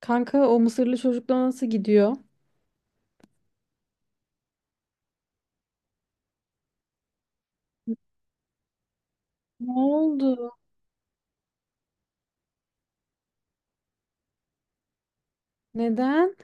Kanka o Mısırlı çocukla nasıl gidiyor? Ne oldu? Neden?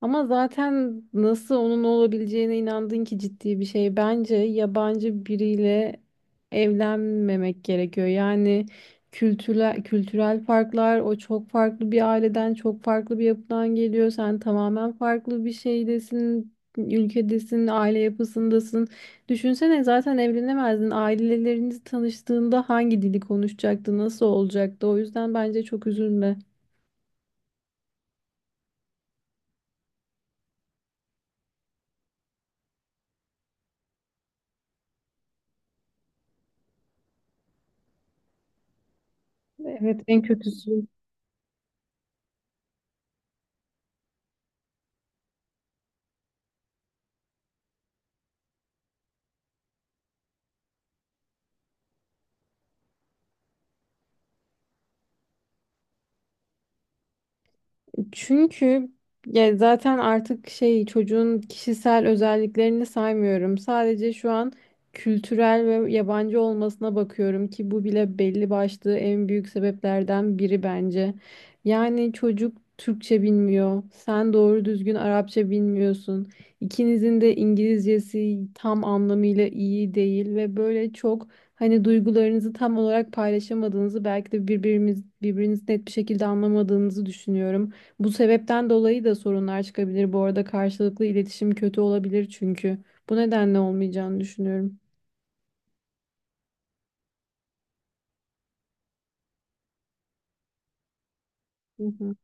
Ama zaten nasıl onun olabileceğine inandın ki ciddi bir şey. Bence yabancı biriyle evlenmemek gerekiyor. Yani kültürel, kültürel farklar, o çok farklı bir aileden, çok farklı bir yapıdan geliyor. Sen tamamen farklı bir şeydesin, ülkedesin, aile yapısındasın. Düşünsene zaten evlenemezdin. Aileleriniz tanıştığında hangi dili konuşacaktı, nasıl olacaktı? O yüzden bence çok üzülme. Evet, en kötüsü. Çünkü ya zaten artık çocuğun kişisel özelliklerini saymıyorum. Sadece şu an kültürel ve yabancı olmasına bakıyorum ki bu bile belli başlı en büyük sebeplerden biri bence. Yani çocuk Türkçe bilmiyor. Sen doğru düzgün Arapça bilmiyorsun. İkinizin de İngilizcesi tam anlamıyla iyi değil ve böyle çok hani duygularınızı tam olarak paylaşamadığınızı belki de birbirinizi net bir şekilde anlamadığınızı düşünüyorum. Bu sebepten dolayı da sorunlar çıkabilir. Bu arada karşılıklı iletişim kötü olabilir çünkü. Bu nedenle olmayacağını düşünüyorum. Hı hı.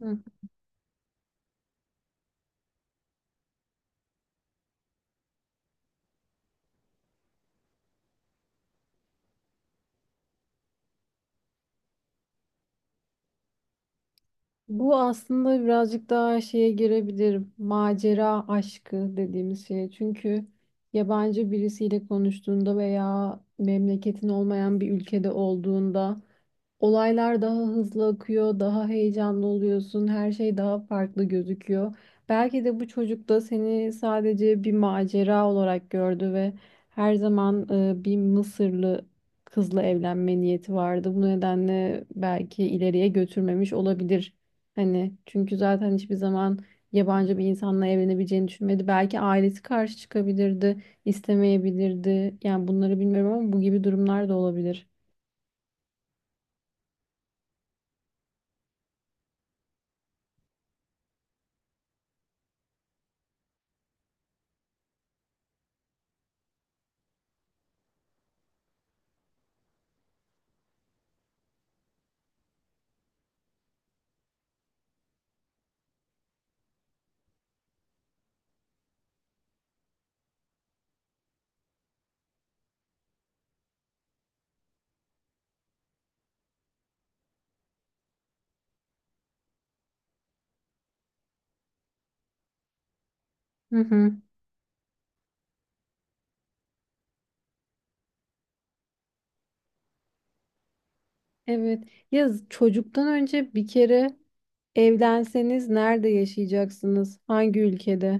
Hı. Bu aslında birazcık daha şeye girebilir. Macera aşkı dediğimiz şey. Çünkü yabancı birisiyle konuştuğunda veya memleketin olmayan bir ülkede olduğunda olaylar daha hızlı akıyor, daha heyecanlı oluyorsun, her şey daha farklı gözüküyor. Belki de bu çocuk da seni sadece bir macera olarak gördü ve her zaman bir Mısırlı kızla evlenme niyeti vardı. Bu nedenle belki ileriye götürmemiş olabilir. Hani çünkü zaten hiçbir zaman yabancı bir insanla evlenebileceğini düşünmedi. Belki ailesi karşı çıkabilirdi, istemeyebilirdi. Yani bunları bilmiyorum ama bu gibi durumlar da olabilir. Hı hı. Evet. Ya çocuktan önce bir kere evlenseniz nerede yaşayacaksınız? Hangi ülkede?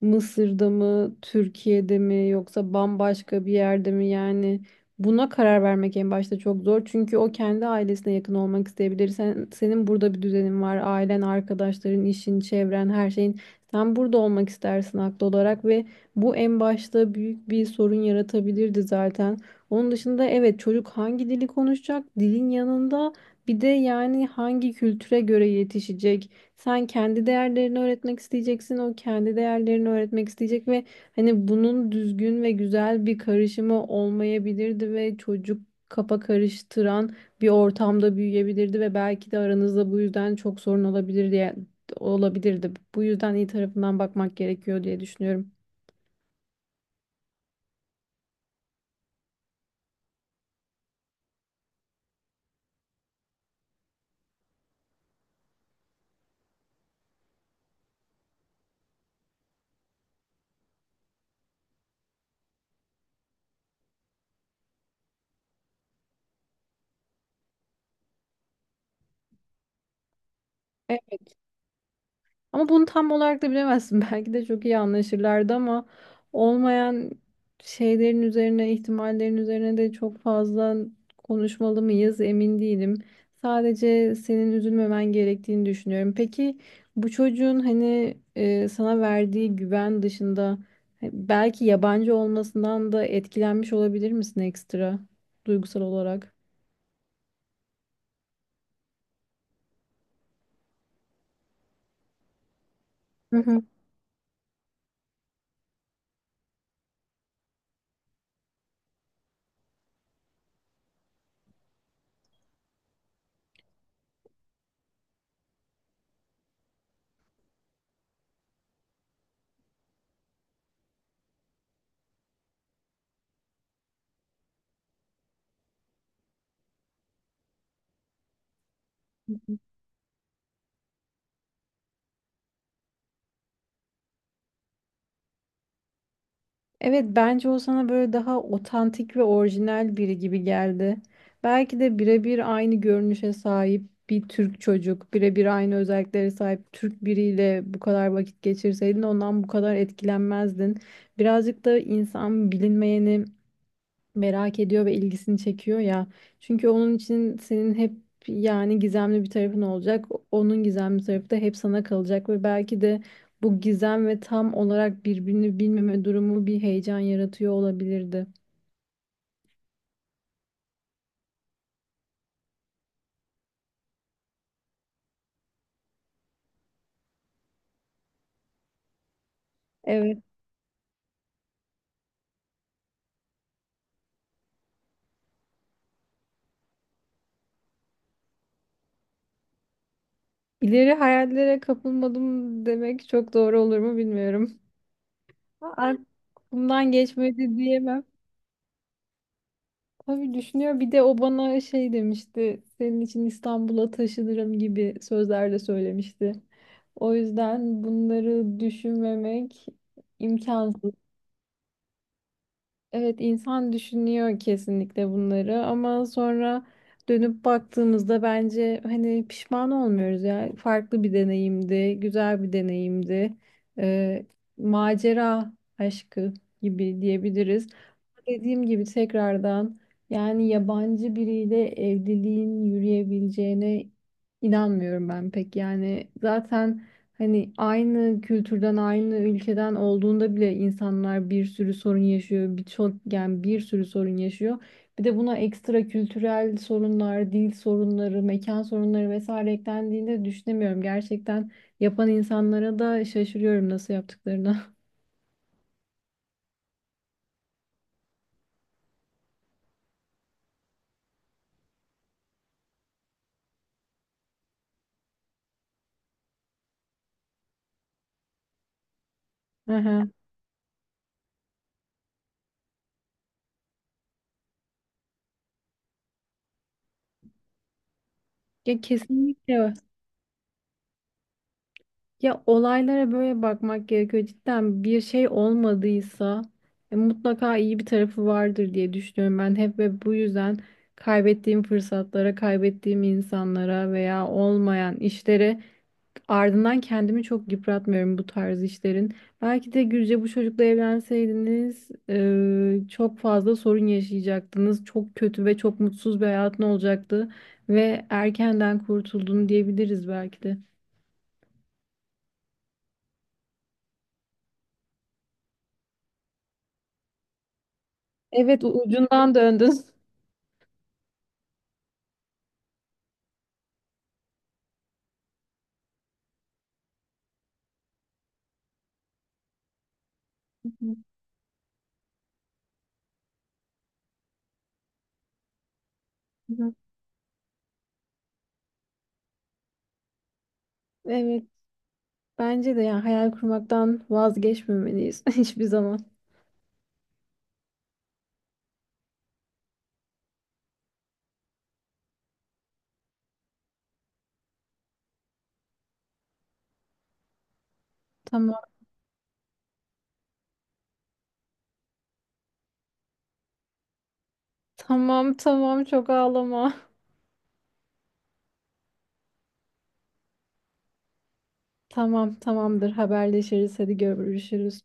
Mısır'da mı, Türkiye'de mi yoksa bambaşka bir yerde mi? Yani buna karar vermek en başta çok zor. Çünkü o kendi ailesine yakın olmak isteyebilir. Sen, senin burada bir düzenin var. Ailen, arkadaşların, işin, çevren, her şeyin. Sen burada olmak istersin haklı olarak ve bu en başta büyük bir sorun yaratabilirdi zaten. Onun dışında evet çocuk hangi dili konuşacak? Dilin yanında bir de yani hangi kültüre göre yetişecek? Sen kendi değerlerini öğretmek isteyeceksin, o kendi değerlerini öğretmek isteyecek ve hani bunun düzgün ve güzel bir karışımı olmayabilirdi ve çocuk kafa karıştıran bir ortamda büyüyebilirdi ve belki de aranızda bu yüzden çok sorun olabilir diye olabilirdi. Bu yüzden iyi tarafından bakmak gerekiyor diye düşünüyorum. Ama bunu tam olarak da bilemezsin. Belki de çok iyi anlaşırlardı ama olmayan şeylerin üzerine, ihtimallerin üzerine de çok fazla konuşmalı mıyız emin değilim. Sadece senin üzülmemen gerektiğini düşünüyorum. Peki bu çocuğun hani sana verdiği güven dışında belki yabancı olmasından da etkilenmiş olabilir misin ekstra duygusal olarak? Hı hı. Evet, bence o sana böyle daha otantik ve orijinal biri gibi geldi. Belki de birebir aynı görünüşe sahip bir Türk çocuk, birebir aynı özelliklere sahip Türk biriyle bu kadar vakit geçirseydin ondan bu kadar etkilenmezdin. Birazcık da insan bilinmeyeni merak ediyor ve ilgisini çekiyor ya. Çünkü onun için senin hep yani gizemli bir tarafın olacak. Onun gizemli tarafı da hep sana kalacak ve belki de bu gizem ve tam olarak birbirini bilmeme durumu bir heyecan yaratıyor olabilirdi. Evet. İleri hayallere kapılmadım demek çok doğru olur mu bilmiyorum. Aklımdan geçmedi diyemem. Tabii düşünüyor. Bir de o bana şey demişti. Senin için İstanbul'a taşınırım gibi sözler de söylemişti. O yüzden bunları düşünmemek imkansız. Evet, insan düşünüyor kesinlikle bunları ama sonra dönüp baktığımızda bence hani pişman olmuyoruz ya. Farklı bir deneyimdi, güzel bir deneyimdi. Ee, macera aşkı gibi diyebiliriz. Dediğim gibi tekrardan yani yabancı biriyle evliliğin yürüyebileceğine inanmıyorum ben pek. Yani zaten hani aynı kültürden, aynı ülkeden olduğunda bile insanlar bir sürü sorun yaşıyor. Birçok yani bir sürü sorun yaşıyor. Bir de buna ekstra kültürel sorunlar, dil sorunları, mekan sorunları vesaire eklendiğinde düşünemiyorum. Gerçekten yapan insanlara da şaşırıyorum nasıl yaptıklarını. Aha. Ya kesinlikle ya olaylara böyle bakmak gerekiyor. Cidden bir şey olmadıysa mutlaka iyi bir tarafı vardır diye düşünüyorum ben hep ve bu yüzden kaybettiğim fırsatlara, kaybettiğim insanlara veya olmayan işlere ardından kendimi çok yıpratmıyorum bu tarz işlerin. Belki de Gülce bu çocukla evlenseydiniz çok fazla sorun yaşayacaktınız. Çok kötü ve çok mutsuz bir hayatın olacaktı ve erkenden kurtuldun diyebiliriz belki de. Evet, ucundan döndün. Evet, bence de yani hayal kurmaktan vazgeçmemeliyiz hiçbir zaman. Tamam, tamam, tamam, çok ağlama. Tamam, tamamdır, haberleşiriz, hadi görüşürüz.